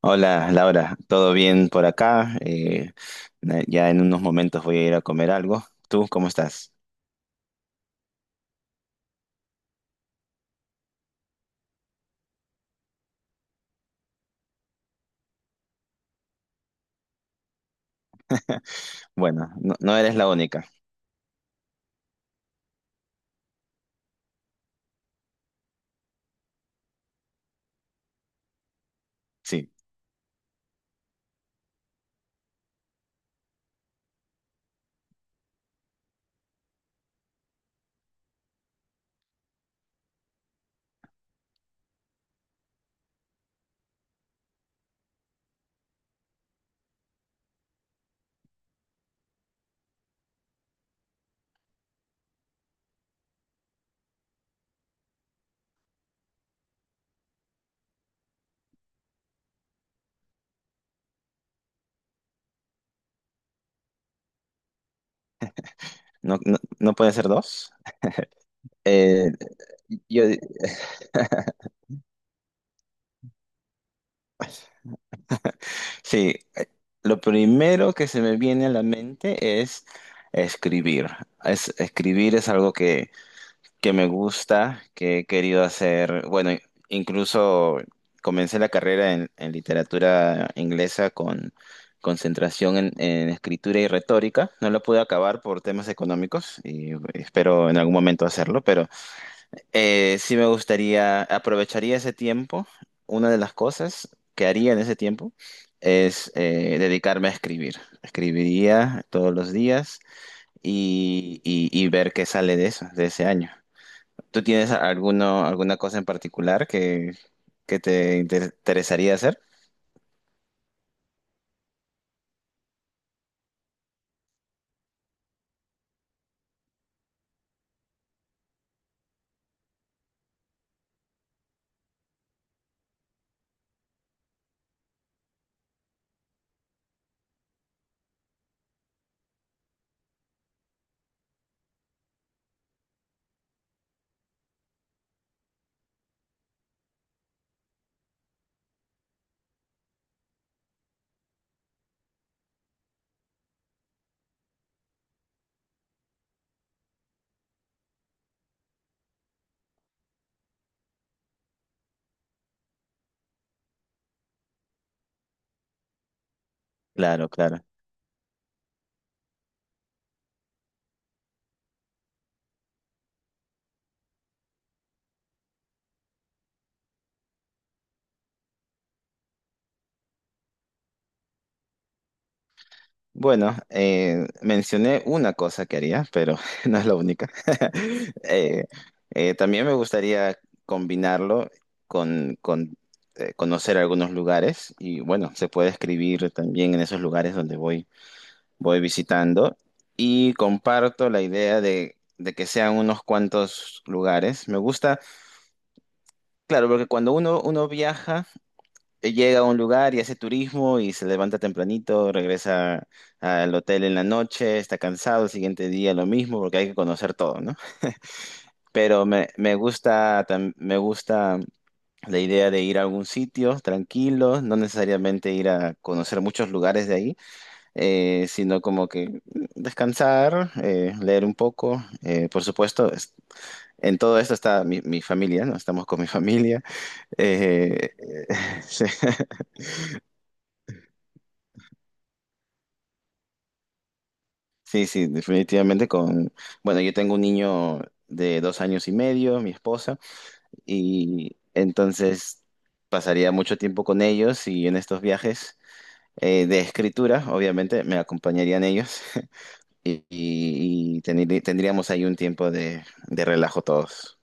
Hola Laura, ¿todo bien por acá? Ya en unos momentos voy a ir a comer algo. ¿Tú cómo estás? Bueno, no, no eres la única. Sí, no, no, no puede ser dos. Eh, yo, sí, eh, lo primero que se me viene a la mente es escribir. Escribir es algo que me gusta, que he querido hacer. Bueno, incluso comencé la carrera en literatura inglesa con concentración en escritura y retórica. No la pude acabar por temas económicos y espero en algún momento hacerlo, pero sí me gustaría, aprovecharía ese tiempo. Una de las cosas que haría en ese tiempo es dedicarme a escribir. Escribiría todos los días y ver qué sale de eso, de ese año. ¿Tú tienes alguna cosa en particular que te interesaría hacer? Claro, claro. Bueno, mencioné una cosa que haría, pero no es la única. Eh, También me gustaría combinarlo con conocer algunos lugares y bueno, se puede escribir también en esos lugares donde voy, voy visitando y comparto la idea de que sean unos cuantos lugares. Me gusta, claro, porque cuando uno viaja, llega a un lugar y hace turismo y se levanta tempranito, regresa al hotel en la noche, está cansado, el siguiente día lo mismo, porque hay que conocer todo, ¿no? Pero me gusta, me gusta la idea de ir a algún sitio tranquilo, no necesariamente ir a conocer muchos lugares de ahí, sino descansar, leer un poco. En todo esto está mi familia, ¿no? Estamos con mi familia. eh, sí. Sí, sí, definitivamente con, bueno, yo tengo un niño de 2 años y medio, mi esposa, y entonces pasaría mucho tiempo con ellos y en estos viajes de escritura, obviamente, me acompañarían ellos y tendríamos ahí un tiempo de relajo todos,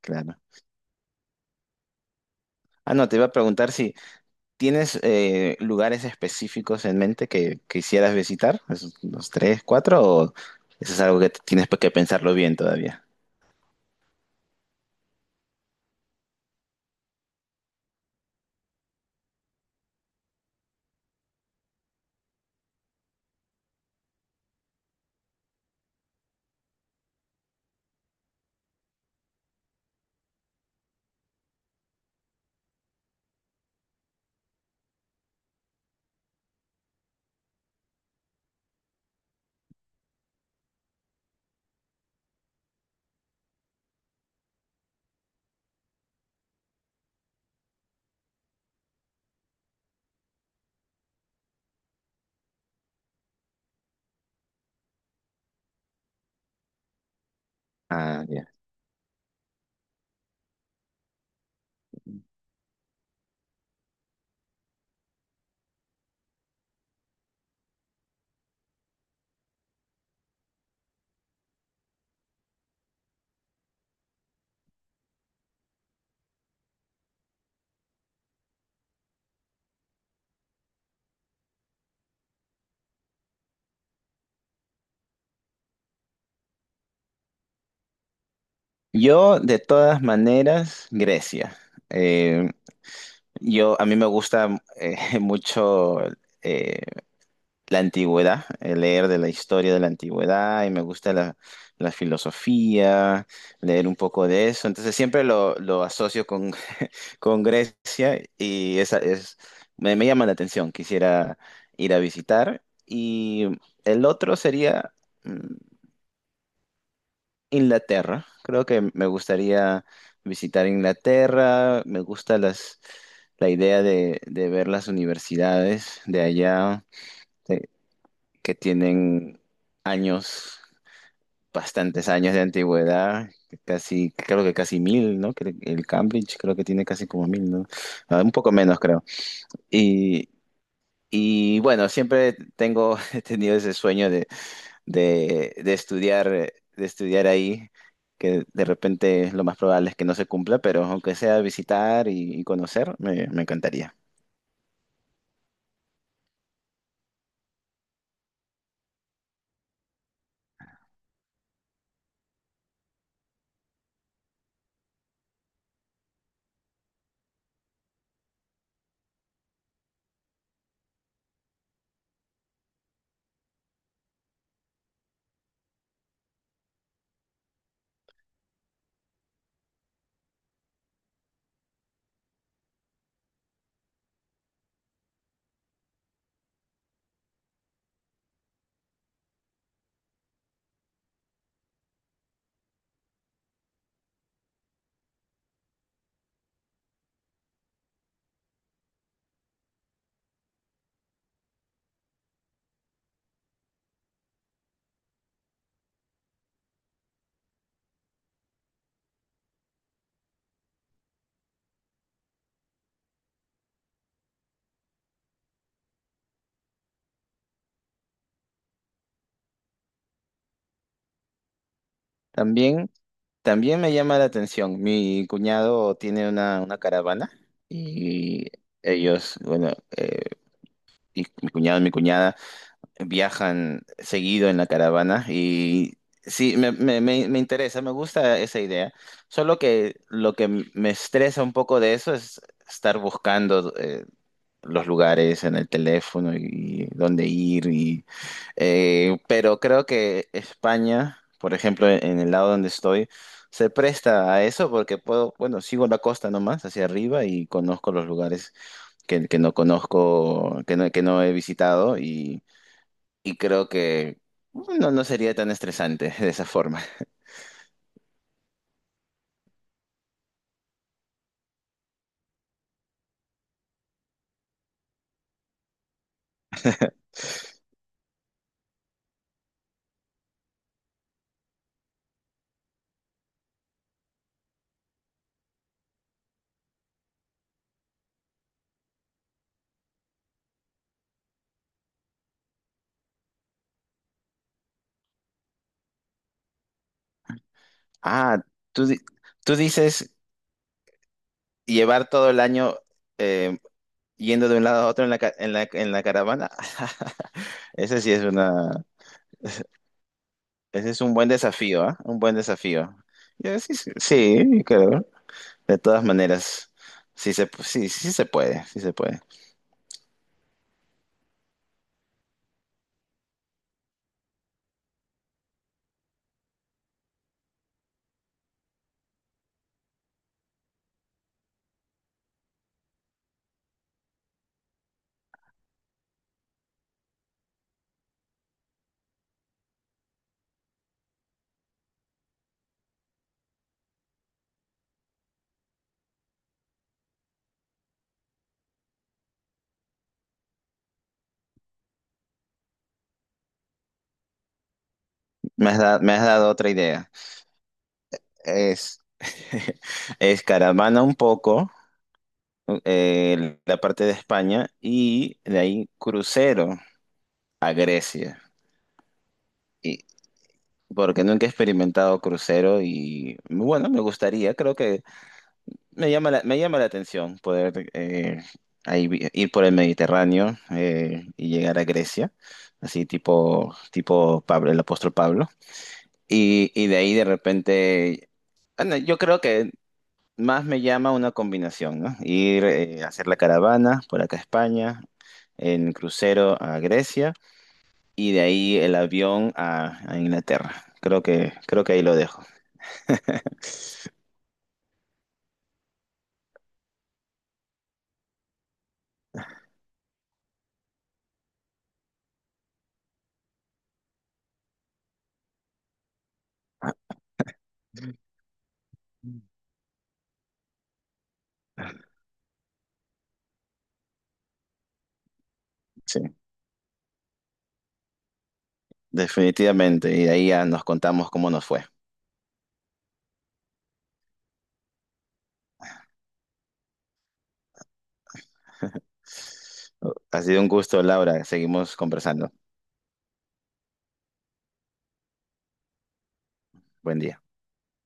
claro. Ah, no, te iba a preguntar si tienes lugares específicos en mente que quisieras visitar, esos, los tres, cuatro, o eso es algo que tienes que pensarlo bien todavía. Ah, ya. Yo, de todas maneras, Grecia. Eh, a mí me gusta mucho eh, la antigüedad, leer de la historia de la antigüedad y me gusta la filosofía, leer un poco de eso. Entonces siempre lo asocio con, con Grecia y esa es, me llama la atención. Quisiera ir a visitar. Y el otro sería... mm, Inglaterra. Creo que me gustaría visitar Inglaterra. Me gusta la idea de ver las universidades de allá que que tienen años, bastantes años de antigüedad. Creo que casi mil, ¿no? El Cambridge creo que tiene casi como mil, ¿no? Ah, un poco menos, creo. Y, y bueno, siempre tengo, he tenido ese sueño de estudiar ahí, que de repente lo más probable es que no se cumpla, pero aunque sea visitar y conocer, me encantaría. También, también me llama la atención, mi cuñado tiene una caravana y ellos, bueno, eh, y mi cuñado y mi cuñada viajan seguido en la caravana y... Sí, me interesa, me gusta esa idea. Solo que lo que me estresa un poco de eso es estar buscando los lugares en el teléfono y dónde ir. Y, pero creo que España, por ejemplo, en el lado donde estoy, se presta a eso porque puedo, bueno, sigo la costa nomás hacia arriba y conozco los lugares que no conozco, que no he visitado y creo que no, no sería tan estresante de esa forma. Ah, tú, di- tú dices llevar todo el año. eh, Yendo de un lado a otro en la, ca- en la caravana. Ese sí es una, Ese es un buen desafío, ¿ah? Un buen desafío. Yo sí, sí, sí, creo. De todas maneras, sí, sí se puede, sí se puede. Me has dado otra idea. Es, es caravana un poco, la parte de España, y de ahí crucero a Grecia. Y, porque nunca he experimentado crucero y bueno, me gustaría, creo que me llama la atención poder ahí ir por el Mediterráneo y llegar a Grecia, así tipo, tipo Pablo, el apóstol Pablo. Y de ahí de repente, bueno, yo creo que más me llama una combinación, ¿no? Ir a hacer la caravana por acá a España, en crucero a Grecia y de ahí el avión a Inglaterra. Creo que ahí lo dejo. Sí, definitivamente. Y de ahí ya nos contamos cómo nos fue. Ha sido un gusto, Laura. Seguimos conversando. Buen día.